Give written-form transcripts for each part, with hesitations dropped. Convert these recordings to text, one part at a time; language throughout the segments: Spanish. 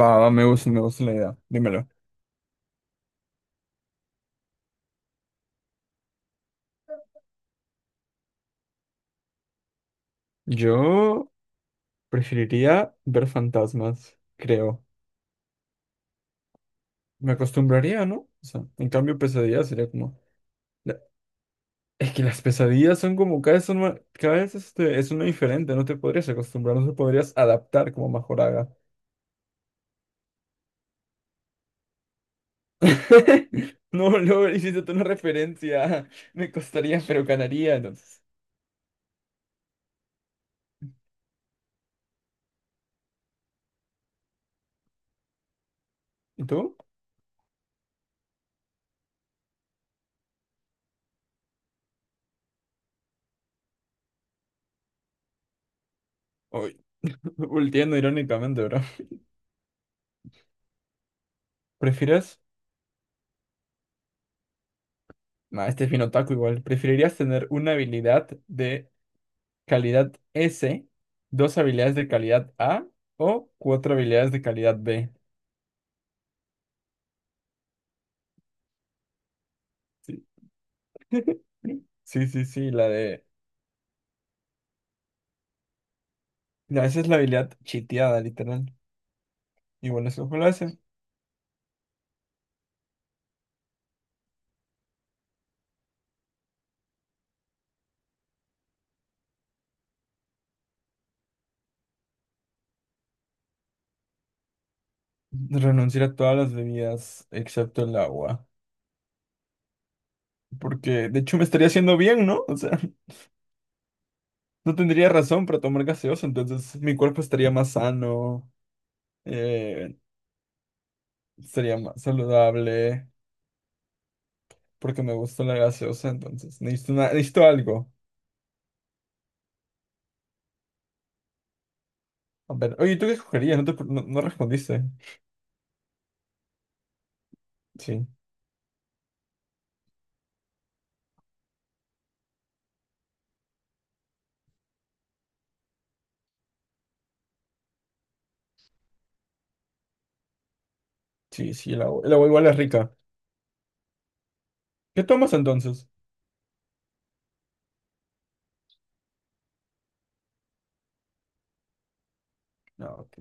Va, va, me gusta la idea. Dímelo. Yo preferiría ver fantasmas, creo. Me acostumbraría, ¿no? O sea, en cambio, pesadillas sería como la- es que las pesadillas son como cada vez es una diferente, no te podrías acostumbrar, no te podrías adaptar como Majoraga. No, no, hiciste tú una referencia. Me costaría, pero ganaría, entonces. ¿Y tú? Uy, volteando irónicamente, bro. ¿Prefieres? Nah, este es bien otaku igual. ¿Preferirías tener una habilidad de calidad S, dos habilidades de calidad A o cuatro habilidades de calidad B? Sí, sí, sí, sí, la de... no, esa es la habilidad chiteada, literal. Y bueno, eso fue la S. Renunciar a todas las bebidas excepto el agua. Porque de hecho me estaría haciendo bien, ¿no? O sea, no tendría razón para tomar gaseosa, entonces mi cuerpo estaría más sano, eh, estaría más saludable, porque me gusta la gaseosa, entonces necesito, necesito algo. A ver, oye, ¿tú qué escogerías? No, no respondiste. Sí, sí, sí, el agua igual es rica. ¿Qué tomas entonces? No, ok.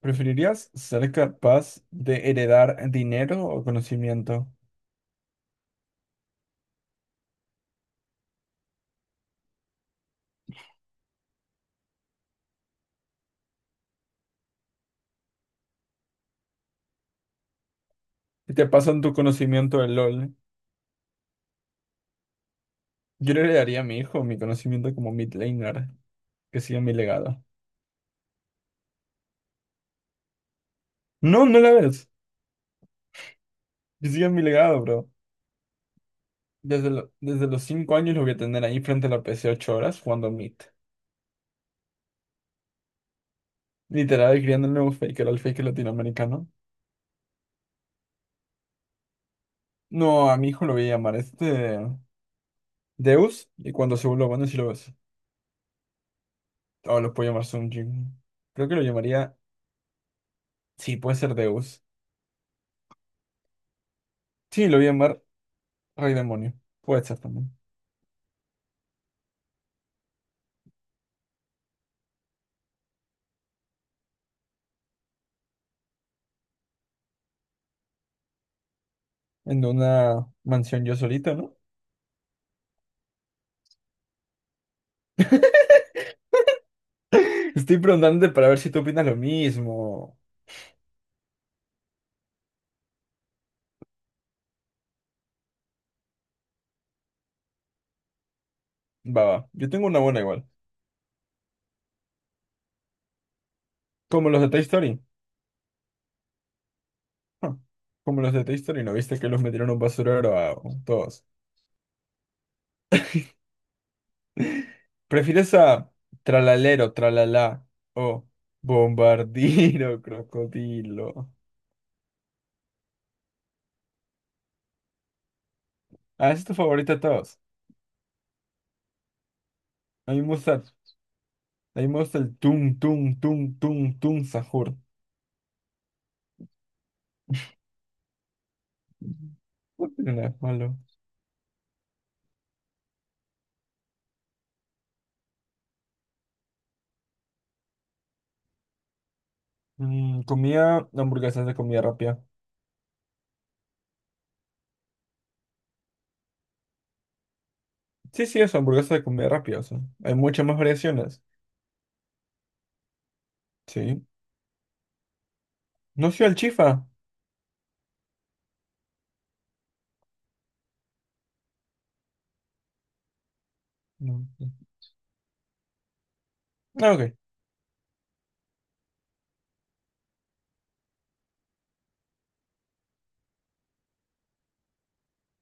¿Preferirías ser capaz de heredar dinero o conocimiento? Si te pasan tu conocimiento de LOL, yo le heredaría a mi hijo mi conocimiento como mid laner, que siga mi legado. No, no la ves, que siga mi legado, bro. Desde los 5 años lo voy a tener ahí frente a la PC 8 horas jugando mid. Literal, criando el nuevo faker, el faker latinoamericano. No, a mi hijo lo voy a llamar Deus, y cuando se vuelva bueno, si lo ves. O lo puedo llamar Sunjin. Creo que lo llamaría. Sí, puede ser Deus. Sí, lo voy a llamar Rey Demonio. Puede ser también. En una mansión yo solito, ¿no? Estoy preguntándote para ver si tú opinas lo mismo. Va, va. Yo tengo una buena igual. Como los de Toy Story. Ah, como los de Toy Story, ¿no viste que los metieron en un basurero a todos? ¿Prefieres a tralalero, Tralala o bombardino, crocodilo? Ah, esa es tu favorita de todos. A mí me gusta, a mí me gusta el tum, tum, tum, tum, tum, sahur. No tiene nada de malo. Comía hamburguesas de comida rápida. Sí, sí, eso, hamburguesas de comida rápida, o sea, hay muchas más variaciones. Sí. No soy al chifa. No. Ah, ok.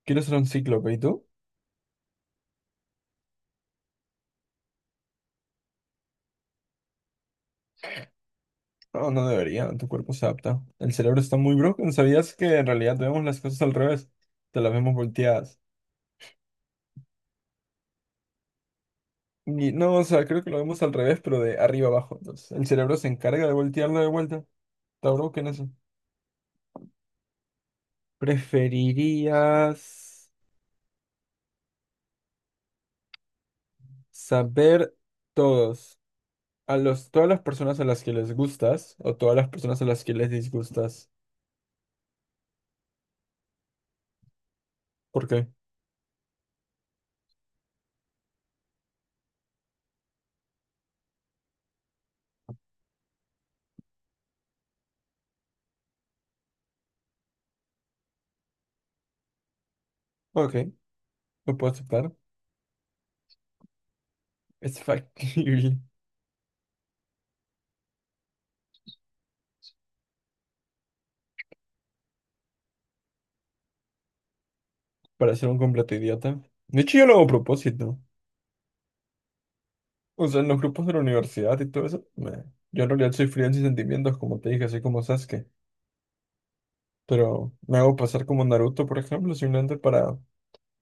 Quiero ser un cíclope, ¿y tú? No, no debería, tu cuerpo se adapta. El cerebro está muy broken. ¿Sabías que en realidad vemos las cosas al revés? Te las vemos volteadas. Y no, o sea, creo que lo vemos al revés, pero de arriba abajo. Entonces, el cerebro se encarga de voltearlo de vuelta. Tauro, ¿qué en eso? ¿Preferirías saber todos, todas las personas a las que les gustas o todas las personas a las que les disgustas? ¿Por qué? Ok, lo puedo aceptar. Es factible. Para ser un completo idiota. De hecho, yo lo hago a propósito. O sea, en los grupos de la universidad y todo eso, me yo en realidad soy frío en sentimientos, como te dije, soy como Sasuke. Pero me hago pasar como Naruto, por ejemplo, simplemente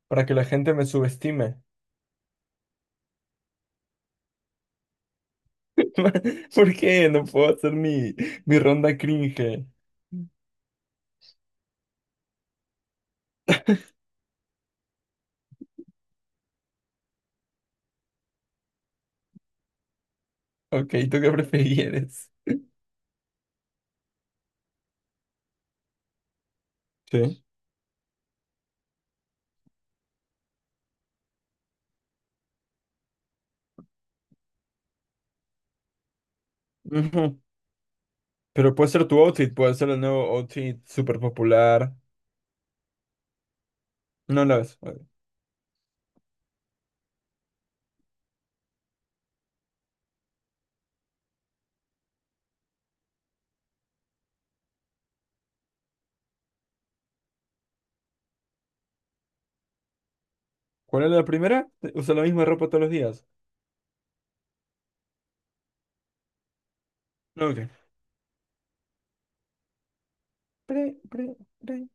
para que la gente me subestime. ¿Por qué? No puedo hacer mi ronda cringe. Ok, ¿tú qué prefieres? Sí. Ujú. Pero puede ser tu outfit, puede ser el nuevo outfit súper popular. No lo es. Ok. ¿Cuál es la primera? Usa la misma ropa todos los días. No, ok. Pre- pre- pre.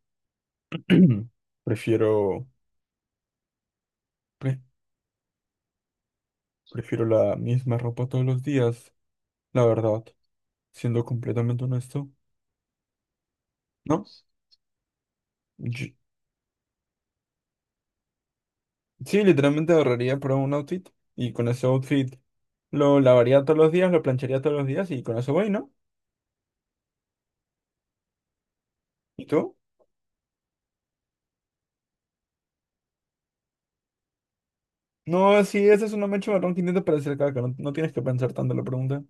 Prefiero, pre- prefiero la misma ropa todos los días, la verdad, siendo completamente honesto. ¿No? Yo- sí, literalmente ahorraría para un outfit y con ese outfit lo lavaría todos los días, lo plancharía todos los días y con eso voy, ¿no? ¿Y tú? No, sí, ese es un macho marrón que intenta parecer caca, no, no tienes que pensar tanto en la pregunta.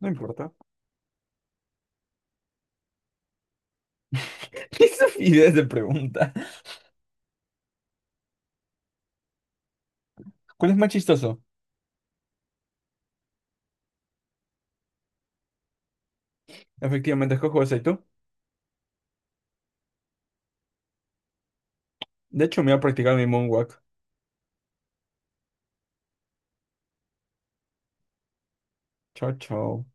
No importa. ¿Qué estupidez de pregunta? ¿Cuál es más chistoso? Efectivamente, escojo ese, ¿y tú? De hecho, me voy a practicar mi moonwalk. Chao, chao.